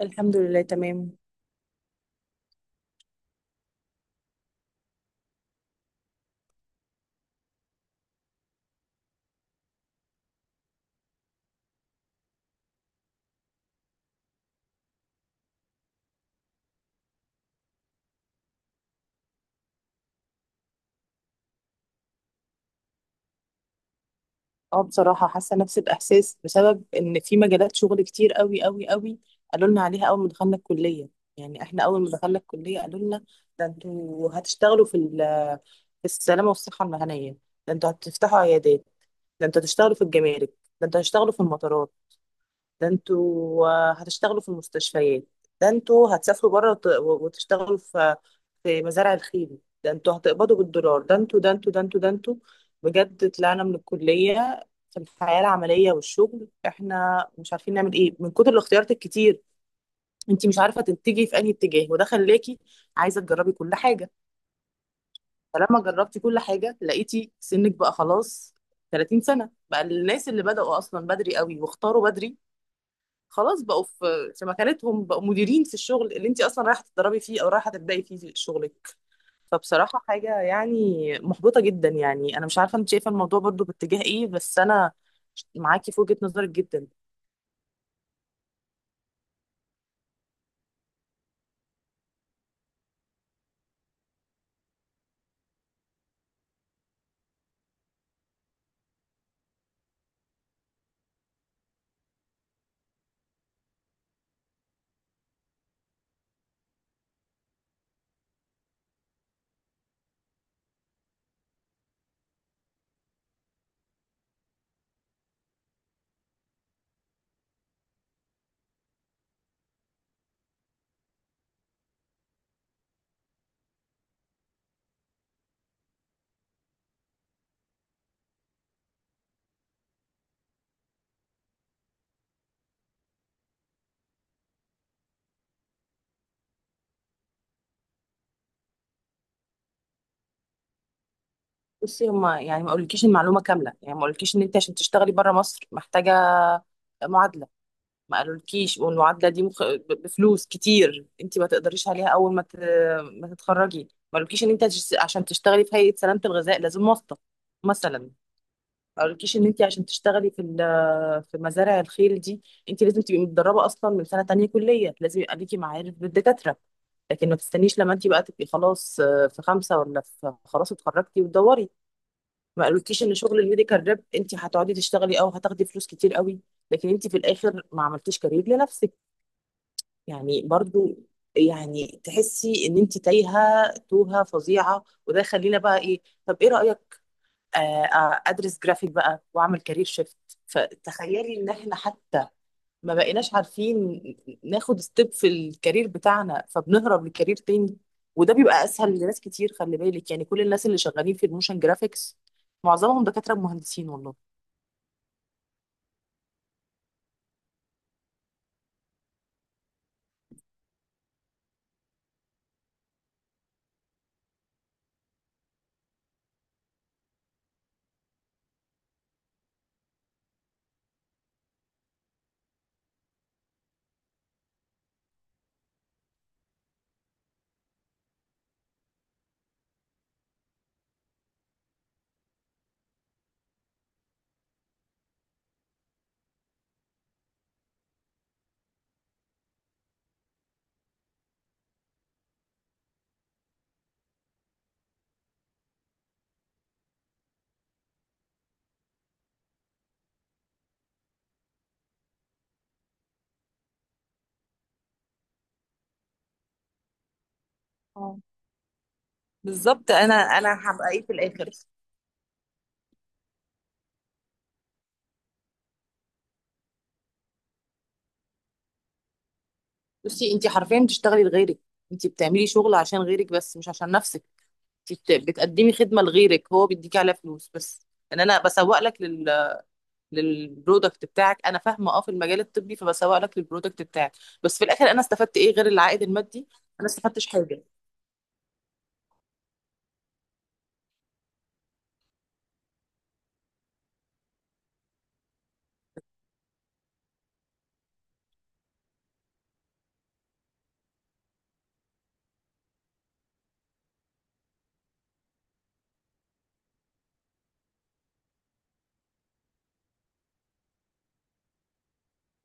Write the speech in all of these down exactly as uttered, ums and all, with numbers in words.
الحمد لله تمام. اه بصراحة حاسة نفس الإحساس بسبب إن في مجالات شغل كتير قوي قوي قوي قالوا لنا عليها أول ما دخلنا الكلية. يعني إحنا أول ما دخلنا الكلية قالوا لنا ده أنتوا هتشتغلوا في ال- في السلامة والصحة المهنية. ده أنتوا هتفتحوا عيادات. ده أنتوا هتشتغلوا في الجمارك. ده أنتوا هتشتغلوا في المطارات. ده انتوا آه، هتشتغلوا في المستشفيات. ده انتوا هتسافروا بره وت- وتشتغلوا في في مزارع الخيل. ده انتوا هتقبضوا بالدولار، ده انتوا، ده انتوا، ده انتوا، ده انتوا. بجد طلعنا من الكلية في الحياة العملية والشغل احنا مش عارفين نعمل ايه من كتر الاختيارات الكتير. انت مش عارفة تتجهي في انهي اتجاه، وده خلاكي عايزة تجربي كل حاجة. فلما جربتي كل حاجة لقيتي سنك بقى خلاص 30 سنة، بقى الناس اللي بدأوا أصلا بدري قوي واختاروا بدري خلاص بقوا في في مكانتهم، بقوا مديرين في الشغل اللي انت اصلا رايحه تتدربي فيه او رايحه تبداي فيه شغلك. فبصراحه حاجه يعني محبطه جدا. يعني انا مش عارفه انت شايفه الموضوع برضو باتجاه ايه، بس انا معاكي في وجهه نظرك جدا. بصي، هما يعني ما قالولكيش المعلومه كامله، يعني ما قالولكيش ان انت عشان تشتغلي بره مصر محتاجه معادله. ما قالولكيش والمعادله دي مخ... ب- بفلوس كتير انت ما تقدريش عليها اول ما ت... ما تتخرجي. ما قالولكيش ان انت عشان تشتغلي في هيئه سلامه الغذاء لازم واسطه مثلا. قالكيش ان انت عشان تشتغلي في ال- في مزارع الخيل دي انت لازم تبقي متدربه اصلا من سنه تانية كليه، لازم يبقى ليكي معارف بالدكاتره. لكن ما تستنيش لما انت بقى تبقي خلاص آه، في خمسه ولا في خلاص اتخرجتي وتدوري. ما قالكيش ان شغل الميديكال ريب انت هتقعدي تشتغلي او هتاخدي فلوس كتير قوي، لكن انت في الاخر ما عملتيش كارير لنفسك. يعني برضو يعني تحسي ان انت تايهه توهه فظيعه، وده يخلينا بقى ايه، طب ايه رايك آه، آه، ادرس جرافيك بقى واعمل كارير شيفت. فتخيلي ان احنا حتى ما بقيناش عارفين ناخد ستيب في الكارير بتاعنا، فبنهرب لكارير تاني، وده بيبقى اسهل لناس كتير. خلي بالك، يعني كل الناس اللي شغالين في الموشن جرافيكس معظمهم دكاترة مهندسين والله. اه، بالظبط. انا انا هبقى ايه في الاخر. بصي، انت حرفيا بتشتغلي لغيرك، انت بتعملي شغل عشان غيرك بس مش عشان نفسك. انت بت- بتقدمي خدمة لغيرك، هو بيديكي عليها فلوس بس. ان انا بسوق لك للبرودكت بتاعك، انا فاهمه اه، في المجال الطبي، فبسوق لك للبرودكت بتاعك. بس في الاخر انا استفدت ايه غير العائد المادي؟ انا استفدتش حاجه.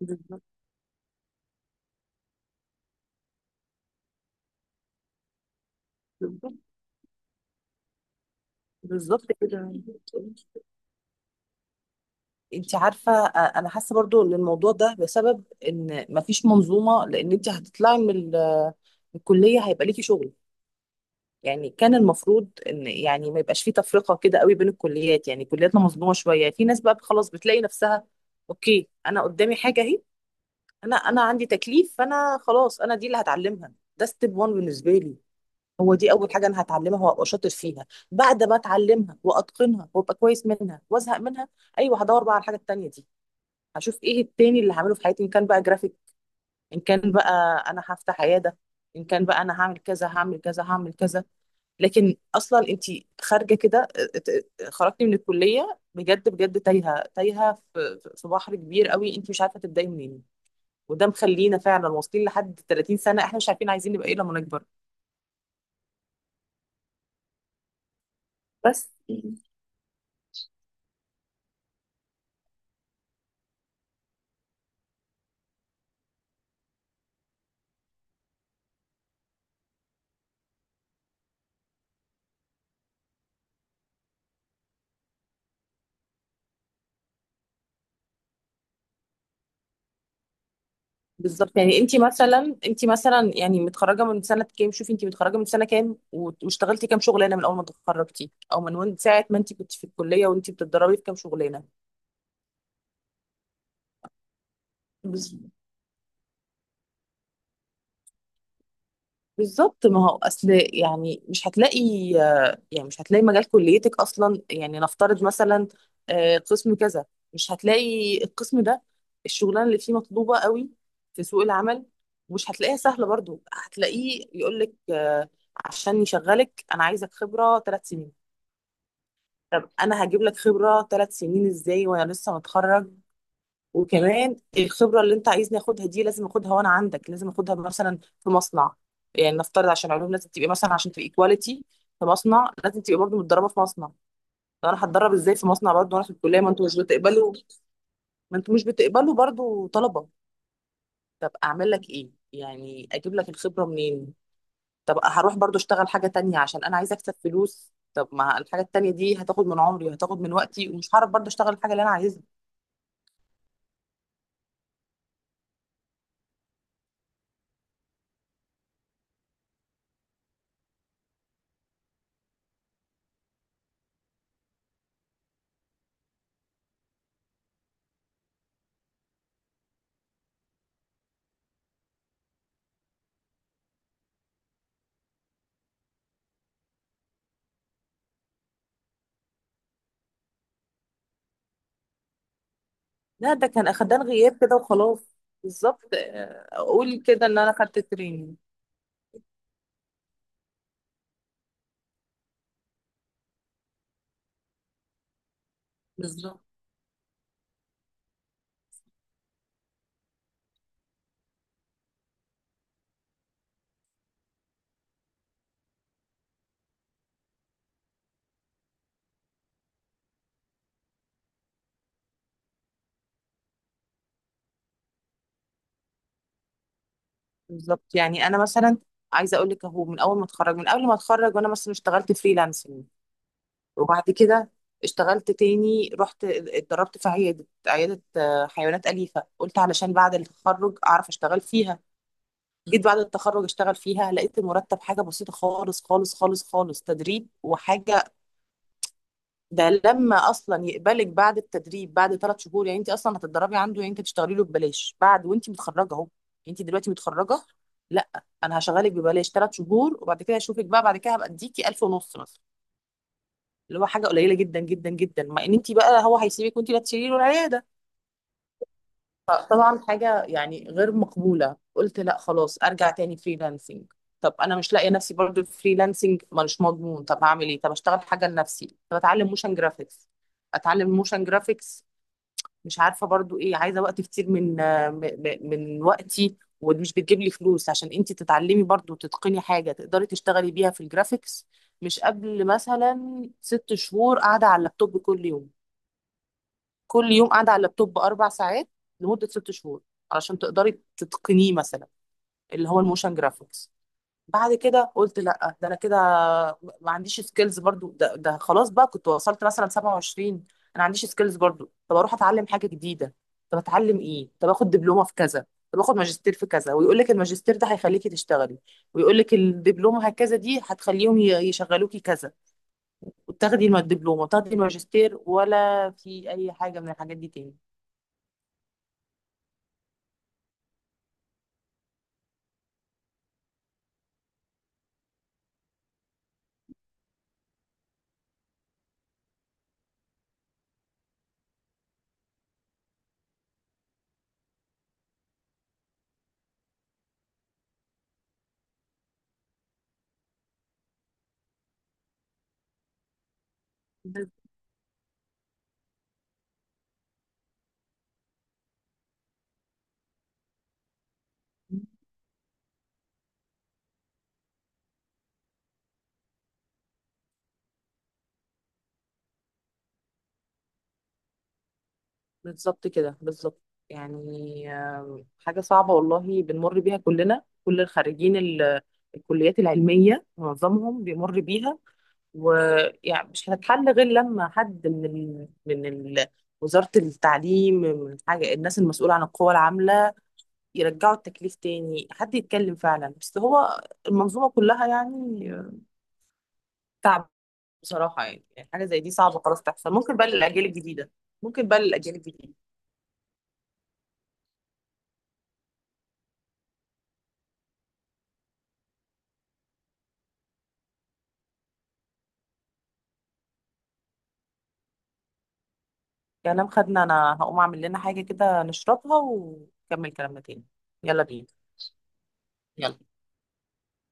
بالظبط. بالظبط. بالظبط كده. انت عارفه آه، انا حاسه برضو ان الموضوع ده بسبب ان مفيش منظومه. لان انت هتطلعي من ال- آه، من الكليه هيبقى ليكي شغل. يعني كان المفروض ان، يعني ما يبقاش فيه تفرقه كده قوي بين الكليات. يعني كلياتنا مظلومه شويه. في ناس بقى خلاص بتلاقي نفسها اوكي، انا قدامي حاجه اهي، انا انا عندي تكليف، فانا خلاص، انا دي اللي هتعلمها، ده ستيب واحد بالنسبه لي. هو دي اول حاجه انا هتعلمها وابقى شاطر فيها، بعد ما اتعلمها واتقنها وابقى كويس منها وازهق منها، ايوه هدور بقى على الحاجه التانيه دي. هشوف ايه التاني اللي هعمله في حياتي، ان كان بقى جرافيك، ان كان بقى انا هفتح عياده، ان كان بقى انا هعمل كذا هعمل كذا هعمل كذا. لكن اصلا انت خارجه كده ات- ات- خرجتي من الكليه بجد بجد تايهه تايهه في في بحر كبير قوي، انت مش عارفه تبداي منين، وده مخلينا فعلا واصلين لحد 30 سنه احنا مش عارفين عايزين نبقى ايه لما نكبر. بس يعني، بالظبط، يعني انت مثلا انت مثلا يعني متخرجه من سنه كام؟ شوفي انت متخرجه من سنه كام و- واشتغلتي كام شغلانه من اول ما اتخرجتي او من وين- ساعه ما انت كنت في الكليه وانت بتتدربي في كام شغلانه؟ بالظبط، ما هو اصل، يعني مش هتلاقي، يعني مش هتلاقي مجال كليتك اصلا. يعني نفترض مثلا آه، قسم كذا، مش هتلاقي القسم ده، الشغلانه اللي فيه مطلوبه قوي في سوق العمل. مش هتلاقيها سهله برضو، هتلاقيه يقول لك آه، عشان يشغلك انا عايزك خبره ثلاث سنين. طب انا هجيب لك خبره ثلاث سنين ازاي وانا لسه متخرج؟ وكمان الخبرة اللي انت عايزني اخدها دي لازم اخدها وانا عندك، لازم اخدها مثلا في مصنع. يعني نفترض عشان علوم لازم تبقي مثلا، عشان تبقي كواليتي في مصنع لازم تبقي برضه متدربة في مصنع. طب انا هتدرب ازاي في مصنع برضه وانا في الكلية، ما انتوا مش بتقبلوا، ما انتوا مش بتقبلوا برضه طلبة؟ طب اعمل لك ايه؟ يعني اجيب لك الخبرة منين؟ طب هروح برضه اشتغل حاجة تانية عشان انا عايزة اكسب فلوس؟ طب ما الحاجة التانية دي هتاخد من عمري وهتاخد من وقتي ومش هعرف برضه اشتغل الحاجة اللي انا عايزها. لا، ده كان اخدان غياب كده وخلاص. بالظبط آه، اقول كده ان انا خدت تريننج. بالظبط. بالظبط. يعني انا مثلا عايزه اقول لك اهو، من اول ما اتخرج، من قبل ما اتخرج، وانا مثلا اشتغلت فريلانسنج. وبعد كده اشتغلت تاني، رحت اتدربت في عياده عياده آه، حيوانات اليفه، قلت علشان بعد التخرج اعرف اشتغل فيها. جيت بعد التخرج اشتغل فيها، لقيت المرتب حاجه بسيطه خالص خالص خالص خالص، تدريب وحاجه. ده لما اصلا يقبلك بعد التدريب بعد ثلاث شهور، يعني انت اصلا هتتدربي عنده، يعني انت تشتغلي له ببلاش بعد وانت متخرجه اهو. انت دلوقتي متخرجه؟ لا، انا هشغلك ببلاش ثلاث شهور، وبعد كده اشوفك بقى، بعد كده هبقى اديكي الف ونص مثلا. اللي هو حاجه قليله جدا جدا جدا، مع ان انت بقى هو هيسيبك وانت اللي هتشيلي له العياده. فطبعا حاجه يعني غير مقبوله، قلت لا خلاص ارجع تاني فريلانسنج. طب انا مش لاقيه نفسي برضه في فريلانسنج، مش مضمون. طب هعمل ايه؟ طب اشتغل حاجه لنفسي، طب اتعلم موشن جرافيكس. اتعلم موشن جرافيكس، مش عارفه برضو ايه، عايزه وقت كتير من آه، م- م- من وقتي ومش بتجيب لي فلوس، عشان انت تتعلمي برضو تتقني حاجه تقدري تشتغلي بيها في الجرافيكس. مش قبل مثلا ست شهور قاعده على اللابتوب كل يوم، كل يوم قاعده على اللابتوب اربع ساعات لمده ست شهور علشان تقدري تتقنيه مثلا، اللي هو الموشن جرافيكس. بعد كده قلت لا، ده انا كده ما عنديش سكيلز برضو، ده, ده خلاص بقى كنت وصلت مثلا سبعه وعشرين انا. ما عنديش سكيلز برضو، طب اروح اتعلم حاجه جديده؟ طب اتعلم ايه؟ طب اخد دبلومه في كذا؟ طب اخد ماجستير في كذا؟ ويقول لك الماجستير ده هيخليكي تشتغلي، ويقول لك الدبلومه هكذا دي هتخليهم ي- يشغلوكي كذا. وتاخدي الم- الدبلومه وتاخدي الماجستير ولا في اي حاجه من الحاجات دي. تاني. بالظبط كده، بالظبط. يعني آم، حاجة صعبة والله، بنمر بيها كلنا، كل الخريجين ال- الكليات العلمية معظمهم بيمر بيها. ويعني مش هتتحل غير لما حد من ال... من ال... وزارة التعليم، من حاجة، الناس المسؤولة عن القوى العاملة، يرجعوا التكليف تاني، حد يتكلم فعلا. بس هو المنظومة كلها يعني آه، تعب بصراحة. يعني يعني حاجة زي دي صعبة خلاص تحصل، ممكن بقى للأجيال الجديدة. ممكن بقى للأجيال الجديدة. كلام خدنا، انا هقوم اعمل لنا حاجة كده نشربها ونكمل كلامنا تاني. يلا بينا، يلا.